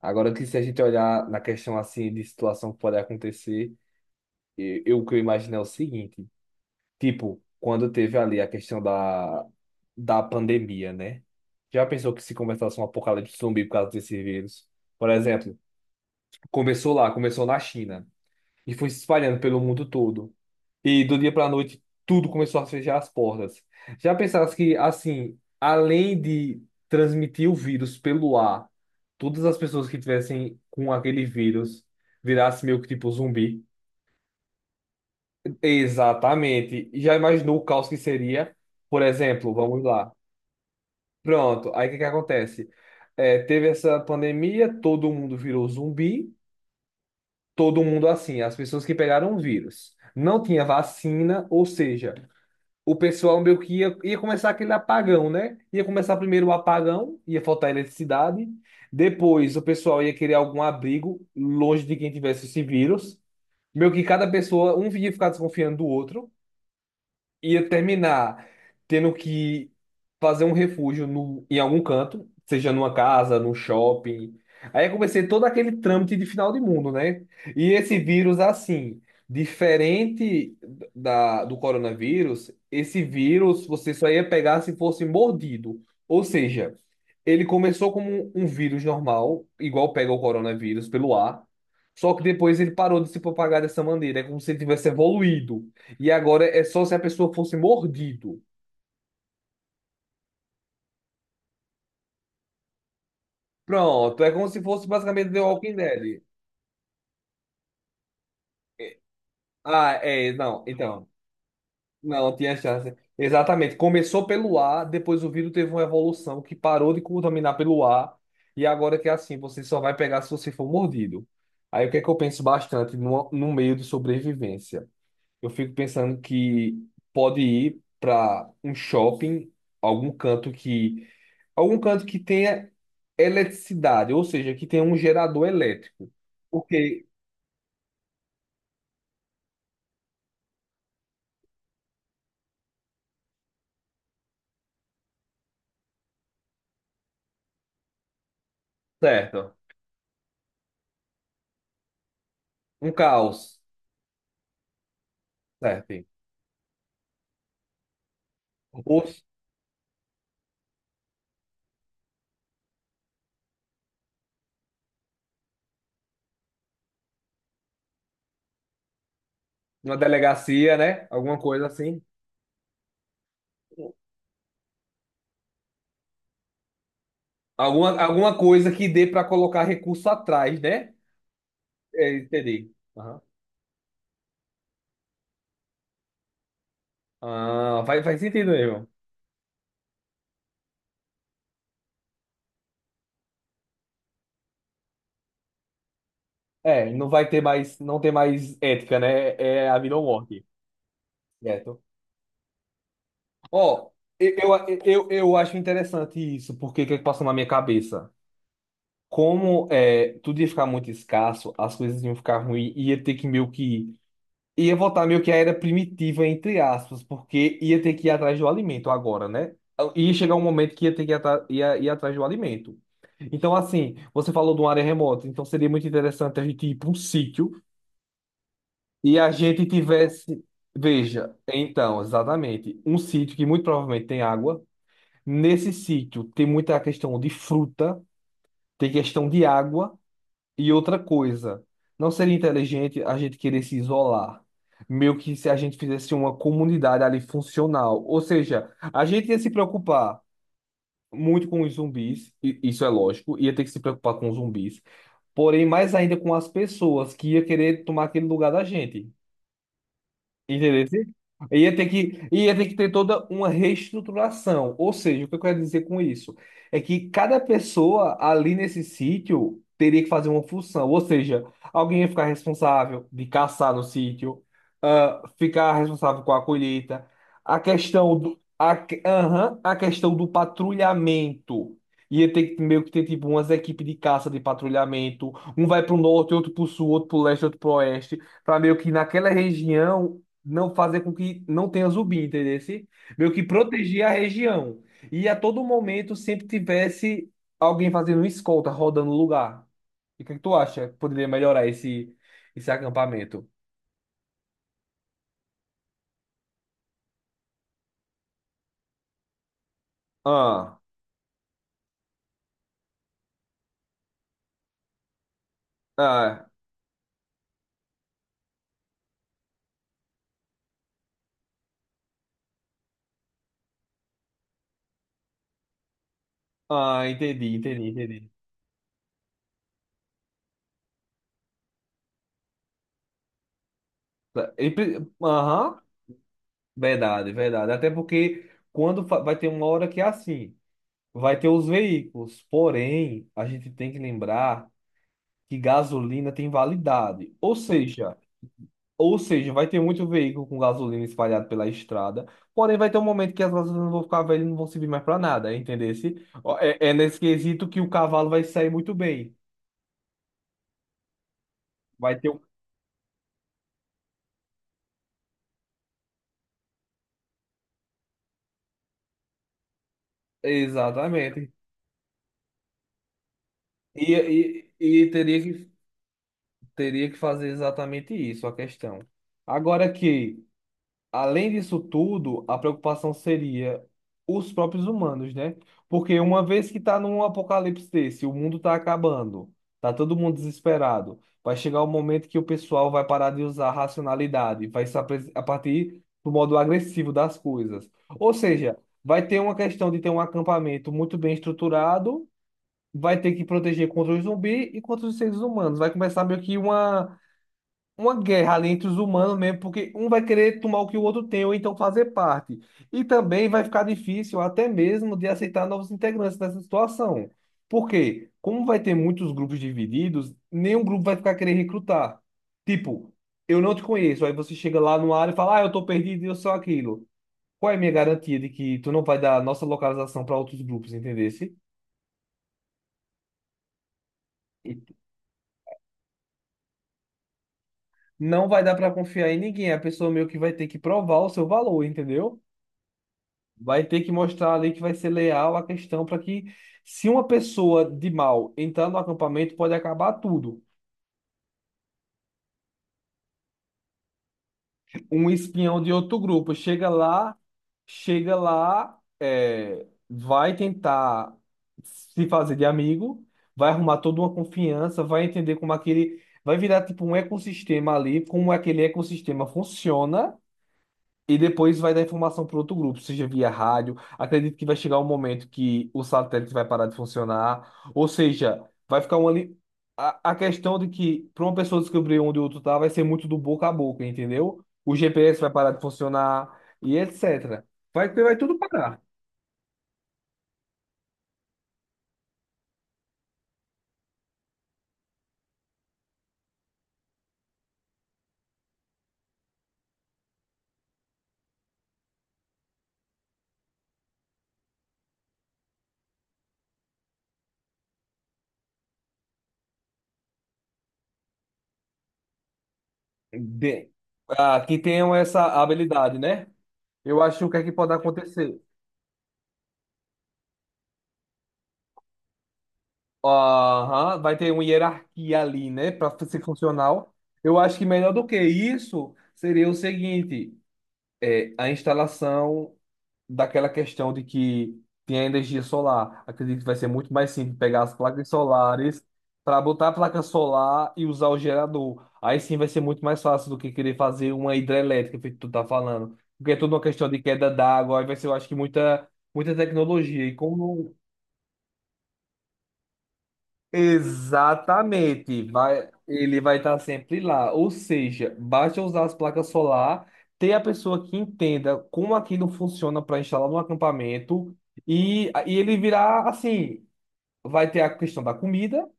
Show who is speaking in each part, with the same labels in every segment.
Speaker 1: Agora que se a gente olhar na questão assim de situação que pode acontecer, eu, o que eu imagino é o seguinte, tipo, quando teve ali a questão da pandemia, né? Já pensou que se começasse um apocalipse zumbi por causa desse vírus? Por exemplo, começou lá, começou na China e foi se espalhando pelo mundo todo. E do dia para a noite, tudo começou a fechar as portas. Já pensasse que, assim, além de transmitir o vírus pelo ar, todas as pessoas que tivessem com aquele vírus virassem meio que tipo zumbi? Exatamente. E já imaginou o caos que seria? Por exemplo, vamos lá. Pronto, aí o que que acontece? É, teve essa pandemia, todo mundo virou zumbi. Todo mundo assim, as pessoas que pegaram o vírus. Não tinha vacina, ou seja, o pessoal meio que ia começar aquele apagão, né? Ia começar primeiro o apagão, ia faltar eletricidade, depois o pessoal ia querer algum abrigo longe de quem tivesse esse vírus. Meio que cada pessoa, um ia ficar desconfiando do outro, ia terminar tendo que fazer um refúgio no, em algum canto, seja numa casa, num shopping. Aí eu comecei todo aquele trâmite de final de mundo, né? E esse vírus, assim, diferente do coronavírus, esse vírus você só ia pegar se fosse mordido. Ou seja, ele começou como um vírus normal, igual pega o coronavírus, pelo ar. Só que depois ele parou de se propagar dessa maneira, é como se ele tivesse evoluído. E agora é só se a pessoa fosse mordido. Pronto, é como se fosse basicamente The Walking Dead. Ah, é, não, então, não tinha chance. Exatamente, começou pelo ar, depois o vírus teve uma evolução que parou de contaminar pelo ar, e agora que é assim, você só vai pegar se você for mordido. Aí o que é que eu penso bastante no meio de sobrevivência? Eu fico pensando que pode ir para um shopping, algum canto que algum canto que tenha eletricidade, ou seja, que tenha um gerador elétrico. Porque, certo, um caos, certo. Ou uma delegacia, né? Alguma coisa assim. Alguma coisa que dê para colocar recurso atrás, né? É, entendi. Aham. Ah, faz sentido mesmo. É, não vai ter mais, não tem mais ética, né? É a vida ou morte. Certo. Ó, eu, eu acho interessante isso, porque o que é que passou na minha cabeça? Como é, tudo ia ficar muito escasso, as coisas iam ficar ruins, ia ter que meio que. Ia voltar meio que à era primitiva, entre aspas, porque ia ter que ir atrás do alimento agora, né? Ia chegar um momento que ia ter que ir, ir atrás do alimento. Então, assim, você falou de uma área remota, então seria muito interessante a gente ir para um sítio e a gente tivesse. Veja, então, exatamente, um sítio que muito provavelmente tem água. Nesse sítio tem muita questão de fruta, tem questão de água e outra coisa. Não seria inteligente a gente querer se isolar, meio que se a gente fizesse uma comunidade ali funcional. Ou seja, a gente ia se preocupar muito com os zumbis, isso é lógico, ia ter que se preocupar com os zumbis, porém mais ainda com as pessoas que ia querer tomar aquele lugar da gente. Entendeu? ia ter que, ter toda uma reestruturação. Ou seja, o que eu quero dizer com isso? É que cada pessoa ali nesse sítio teria que fazer uma função. Ou seja, alguém ia ficar responsável de caçar no sítio, ah, ficar responsável com a colheita. A questão do, a, que- aham, a questão do patrulhamento. Ia ter que meio que ter tipo umas equipes de caça de patrulhamento. Um vai para o norte, outro para o sul, outro para o leste, outro para o oeste, para meio que naquela região não fazer com que não tenha zumbi, entendeu? Meio que proteger a região. E a todo momento sempre tivesse alguém fazendo uma escolta, rodando o lugar. E o que é que tu acha que poderia melhorar esse acampamento? Ah, ah, ah, entendi, entendi, entendi. Aham, verdade, verdade. Até porque vai ter uma hora que é assim, vai ter os veículos. Porém, a gente tem que lembrar que gasolina tem validade. Ou seja, vai ter muito veículo com gasolina espalhado pela estrada, porém vai ter um momento que as gasolinas vão ficar velhas e não vão servir mais para nada, entendesse? Ó, é, é nesse quesito que o cavalo vai sair muito bem. Vai ter um... Exatamente. E, e, e teria que fazer exatamente isso, a questão. Agora que Além disso tudo, a preocupação seria os próprios humanos, né? Porque uma vez que está num apocalipse desse, o mundo está acabando, tá todo mundo desesperado, vai chegar o momento que o pessoal vai parar de usar a racionalidade, vai se apre- a partir do modo agressivo das coisas. Ou seja, vai ter uma questão de ter um acampamento muito bem estruturado, vai ter que proteger contra os zumbis e contra os seres humanos. Vai começar meio que uma guerra ali entre os humanos mesmo, porque um vai querer tomar o que o outro tem, ou então fazer parte. E também vai ficar difícil até mesmo de aceitar novos integrantes nessa situação. Por quê? Como vai ter muitos grupos divididos, nenhum grupo vai ficar querendo recrutar. Tipo, eu não te conheço, aí você chega lá no área e fala, ah, eu tô perdido e eu sou aquilo. Qual é a minha garantia de que tu não vai dar a nossa localização para outros grupos, entendesse? Não vai dar para confiar em ninguém, a pessoa meio que vai ter que provar o seu valor, entendeu? Vai ter que mostrar ali que vai ser leal à questão para que, se uma pessoa de mal entrar no acampamento, pode acabar tudo. Um espião de outro grupo chega lá, é, vai tentar se fazer de amigo, vai arrumar toda uma confiança, vai entender como aquele, vai virar tipo um ecossistema ali, como aquele ecossistema funciona. E depois vai dar informação para outro grupo, seja via rádio. Acredito que vai chegar um momento que o satélite vai parar de funcionar. Ou seja, vai ficar uma. Li- A, a questão de que, para uma pessoa descobrir onde o outro tá, vai ser muito do boca a boca, entendeu? O GPS vai parar de funcionar e etc. Vai tudo parar. De... Ah, que tenham essa habilidade, né? Eu acho que o que é que pode acontecer? Aham, vai ter uma hierarquia ali, né, para ser funcional. Eu acho que melhor do que isso seria o seguinte: é, a instalação daquela questão de que tem a energia solar. Acredito que vai ser muito mais simples pegar as placas solares para botar a placa solar e usar o gerador. Aí sim vai ser muito mais fácil do que querer fazer uma hidrelétrica, feito tu tá falando. Porque é tudo uma questão de queda d'água, aí vai ser, eu acho que muita, muita tecnologia. E como Exatamente, ele vai estar sempre lá. Ou seja, basta usar as placas solar, ter a pessoa que entenda como aquilo funciona para instalar no acampamento e ele virá assim, vai ter a questão da comida,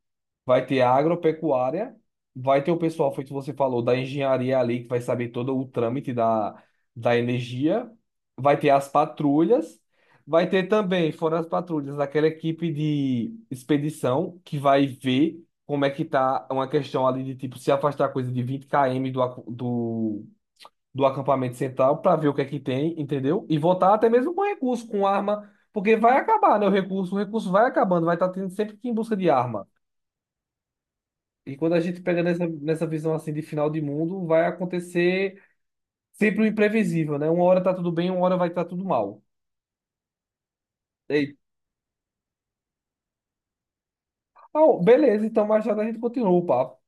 Speaker 1: vai ter a agropecuária, vai ter o pessoal, foi o que você falou, da engenharia ali, que vai saber todo o trâmite da, energia, vai ter as patrulhas, vai ter também, fora as patrulhas, aquela equipe de expedição que vai ver como é que tá uma questão ali de tipo se afastar coisa de 20 km do acampamento central para ver o que é que tem, entendeu? E voltar até mesmo com recurso, com arma, porque vai acabar, né? O recurso vai acabando, vai estar tendo sempre que ir em busca de arma. E quando a gente pega nessa visão assim de final de mundo, vai acontecer sempre o imprevisível, né? Uma hora tá tudo bem, uma hora vai estar tudo mal. Ei, ah, beleza, então mais tarde a gente continua o papo.